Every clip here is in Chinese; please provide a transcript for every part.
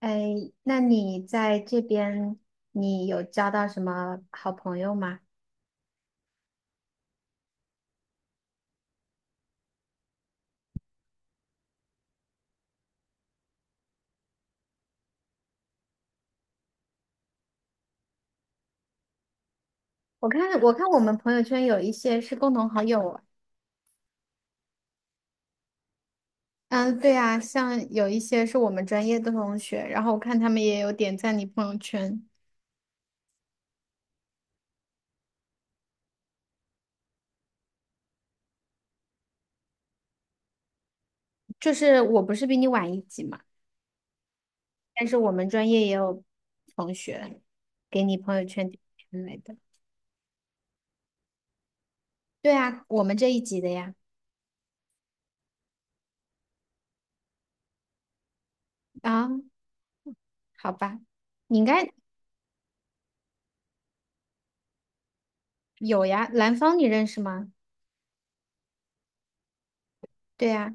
哎，那你在这边，你有交到什么好朋友吗？我看我们朋友圈有一些是共同好友啊。嗯，对啊，像有一些是我们专业的同学，然后我看他们也有点赞你朋友圈。就是我不是比你晚一级嘛，但是我们专业也有同学给你朋友圈点赞来的。对啊，我们这一级的呀。啊，好吧，你应该有呀。兰芳你认识吗？对呀。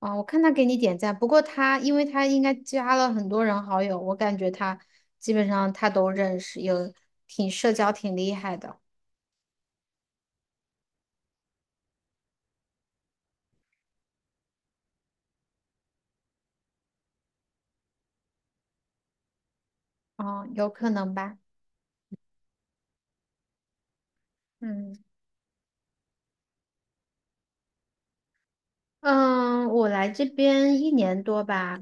啊，我看他给你点赞，不过他因为他应该加了很多人好友，我感觉他基本上他都认识，有挺社交挺厉害的。哦，有可能吧。嗯嗯，我来这边1年多吧。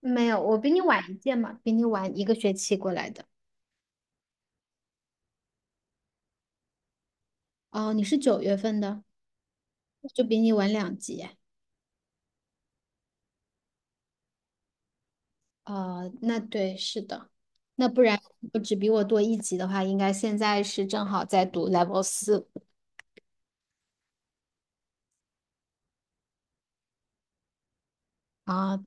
没有，我比你晚一届嘛，比你晚一个学期过来的。哦，你是9月份的，就比你晚两级。哦，那对，是的，那不然我只比我多一级的话，应该现在是正好在读 level 4。啊，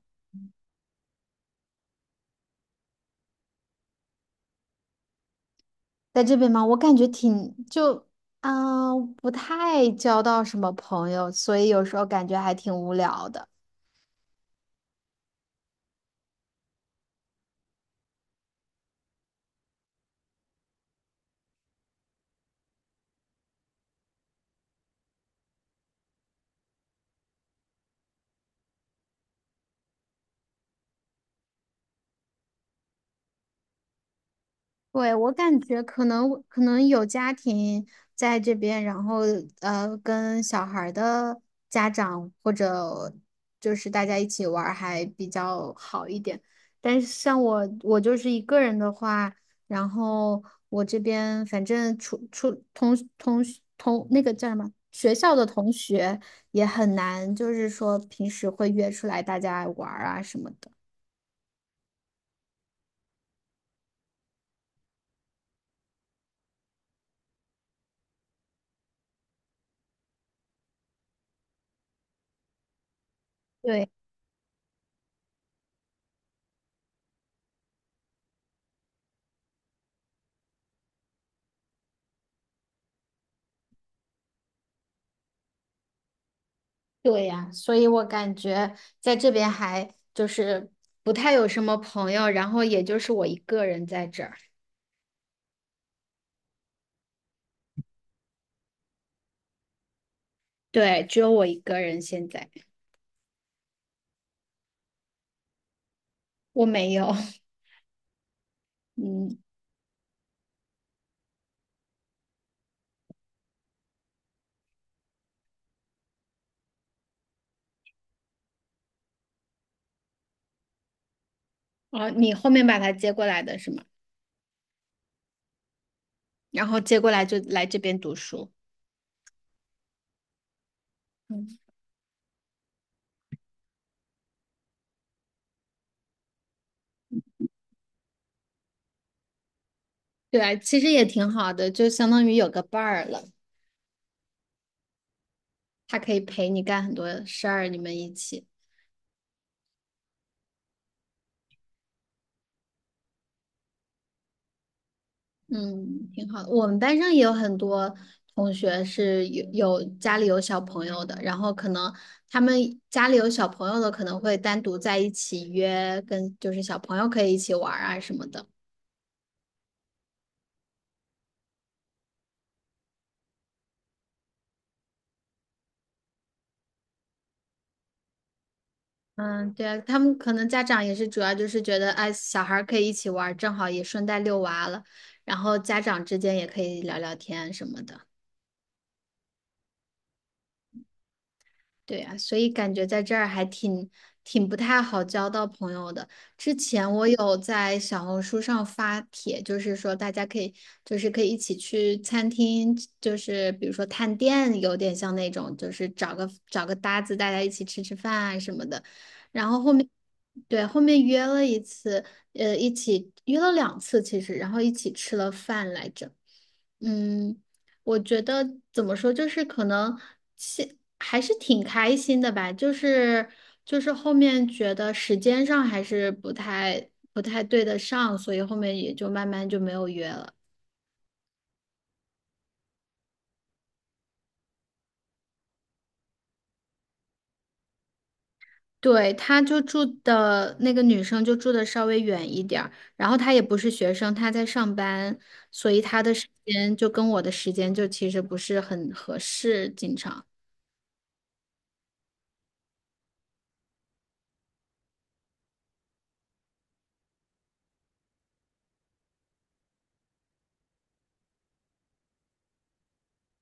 在这边吗？我感觉挺就啊、不太交到什么朋友，所以有时候感觉还挺无聊的。对，我感觉可能有家庭在这边，然后跟小孩儿的家长或者就是大家一起玩儿还比较好一点。但是像我，我就是一个人的话，然后我这边反正出出同同同那个叫什么学校的同学也很难，就是说平时会约出来大家玩儿啊什么的。对。对呀，所以我感觉在这边还就是不太有什么朋友，然后也就是我一个人在这儿。对，只有我一个人现在。我没有。嗯。哦，你后面把他接过来的是吗？然后接过来就来这边读书。嗯，对啊，其实也挺好的，就相当于有个伴儿了，他可以陪你干很多事儿，你们一起。嗯，挺好的。我们班上也有很多同学是有家里有小朋友的，然后可能他们家里有小朋友的，可能会单独在一起约，跟就是小朋友可以一起玩儿啊什么的。嗯，对啊，他们可能家长也是主要就是觉得，哎，小孩儿可以一起玩儿正好也顺带遛娃了，然后家长之间也可以聊聊天什么的。对呀，所以感觉在这儿还挺不太好交到朋友的。之前我有在小红书上发帖，就是说大家可以，就是可以一起去餐厅，就是比如说探店，有点像那种，就是找个搭子，大家一起吃吃饭啊什么的。然后后面，对，后面约了一次，一起约了2次其实，然后一起吃了饭来着。嗯，我觉得怎么说，就是可能现还是挺开心的吧，就是就是后面觉得时间上还是不太对得上，所以后面也就慢慢就没有约了。对，他就住的那个女生就住的稍微远一点儿，然后她也不是学生，她在上班，所以她的时间就跟我的时间就其实不是很合适，经常。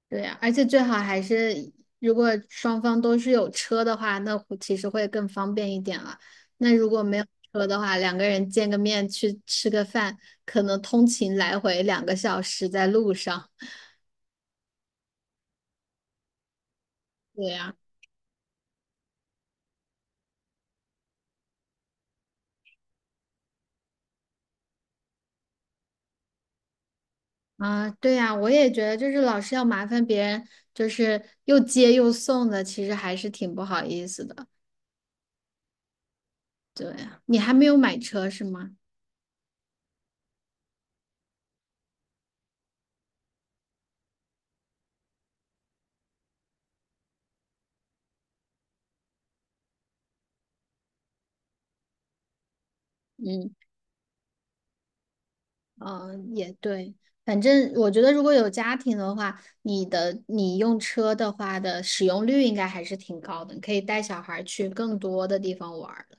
对呀，而且最好还是如果双方都是有车的话，那会其实会更方便一点了。那如果没有车的话，两个人见个面去吃个饭，可能通勤来回2个小时在路上。对呀。啊，对呀，我也觉得就是老是要麻烦别人，就是又接又送的，其实还是挺不好意思的。对呀，你还没有买车是吗？嗯。嗯，也对，反正我觉得如果有家庭的话，你用车的话的使用率应该还是挺高的，你可以带小孩儿去更多的地方玩儿的。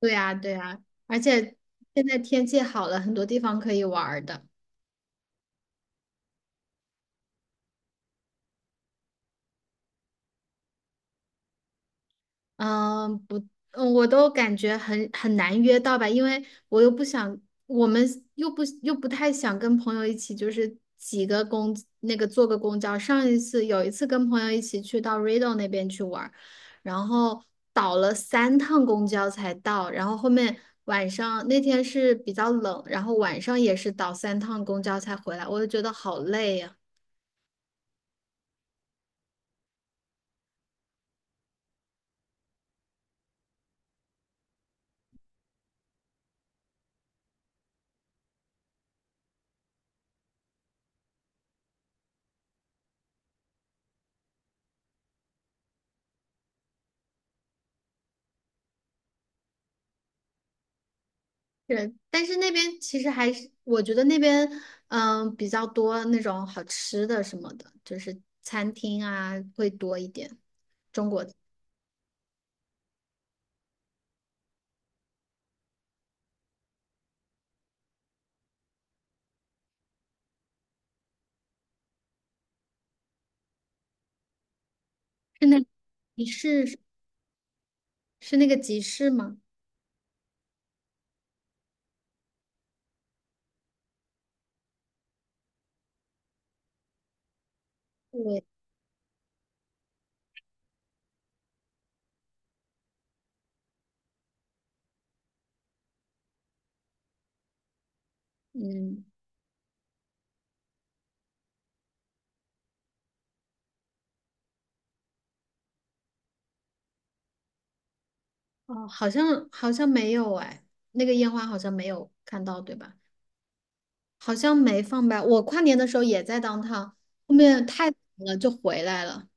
对呀，对呀，而且现在天气好了，很多地方可以玩儿的。嗯，不。嗯我都感觉很难约到吧，因为我又不想，我们又不太想跟朋友一起，就是几个公那个坐个公交。上一次有一次跟朋友一起去到 Ride 那边去玩儿，然后倒了三趟公交才到，然后后面晚上那天是比较冷，然后晚上也是倒三趟公交才回来，我就觉得好累呀。是，但是那边其实还是，我觉得那边比较多那种好吃的什么的，就是餐厅啊会多一点。中国是。那集市是那个集市吗？对，嗯。哦，好像没有哎，那个烟花好像没有看到，对吧？好像没放吧。我跨年的时候也在当趟，后面太晚了就回来了。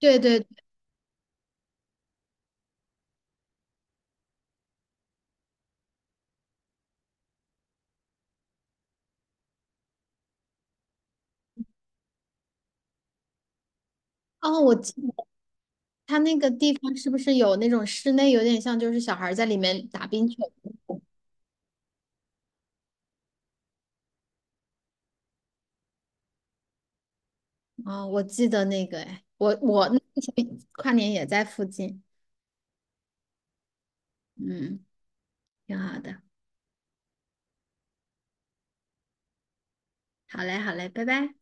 对对。哦，它那个地方是不是有那种室内，有点像就是小孩儿在里面打冰球？哦，我记得那个，哎，我那个时候跨年也在附近。嗯，挺好的。好嘞，好嘞，拜拜。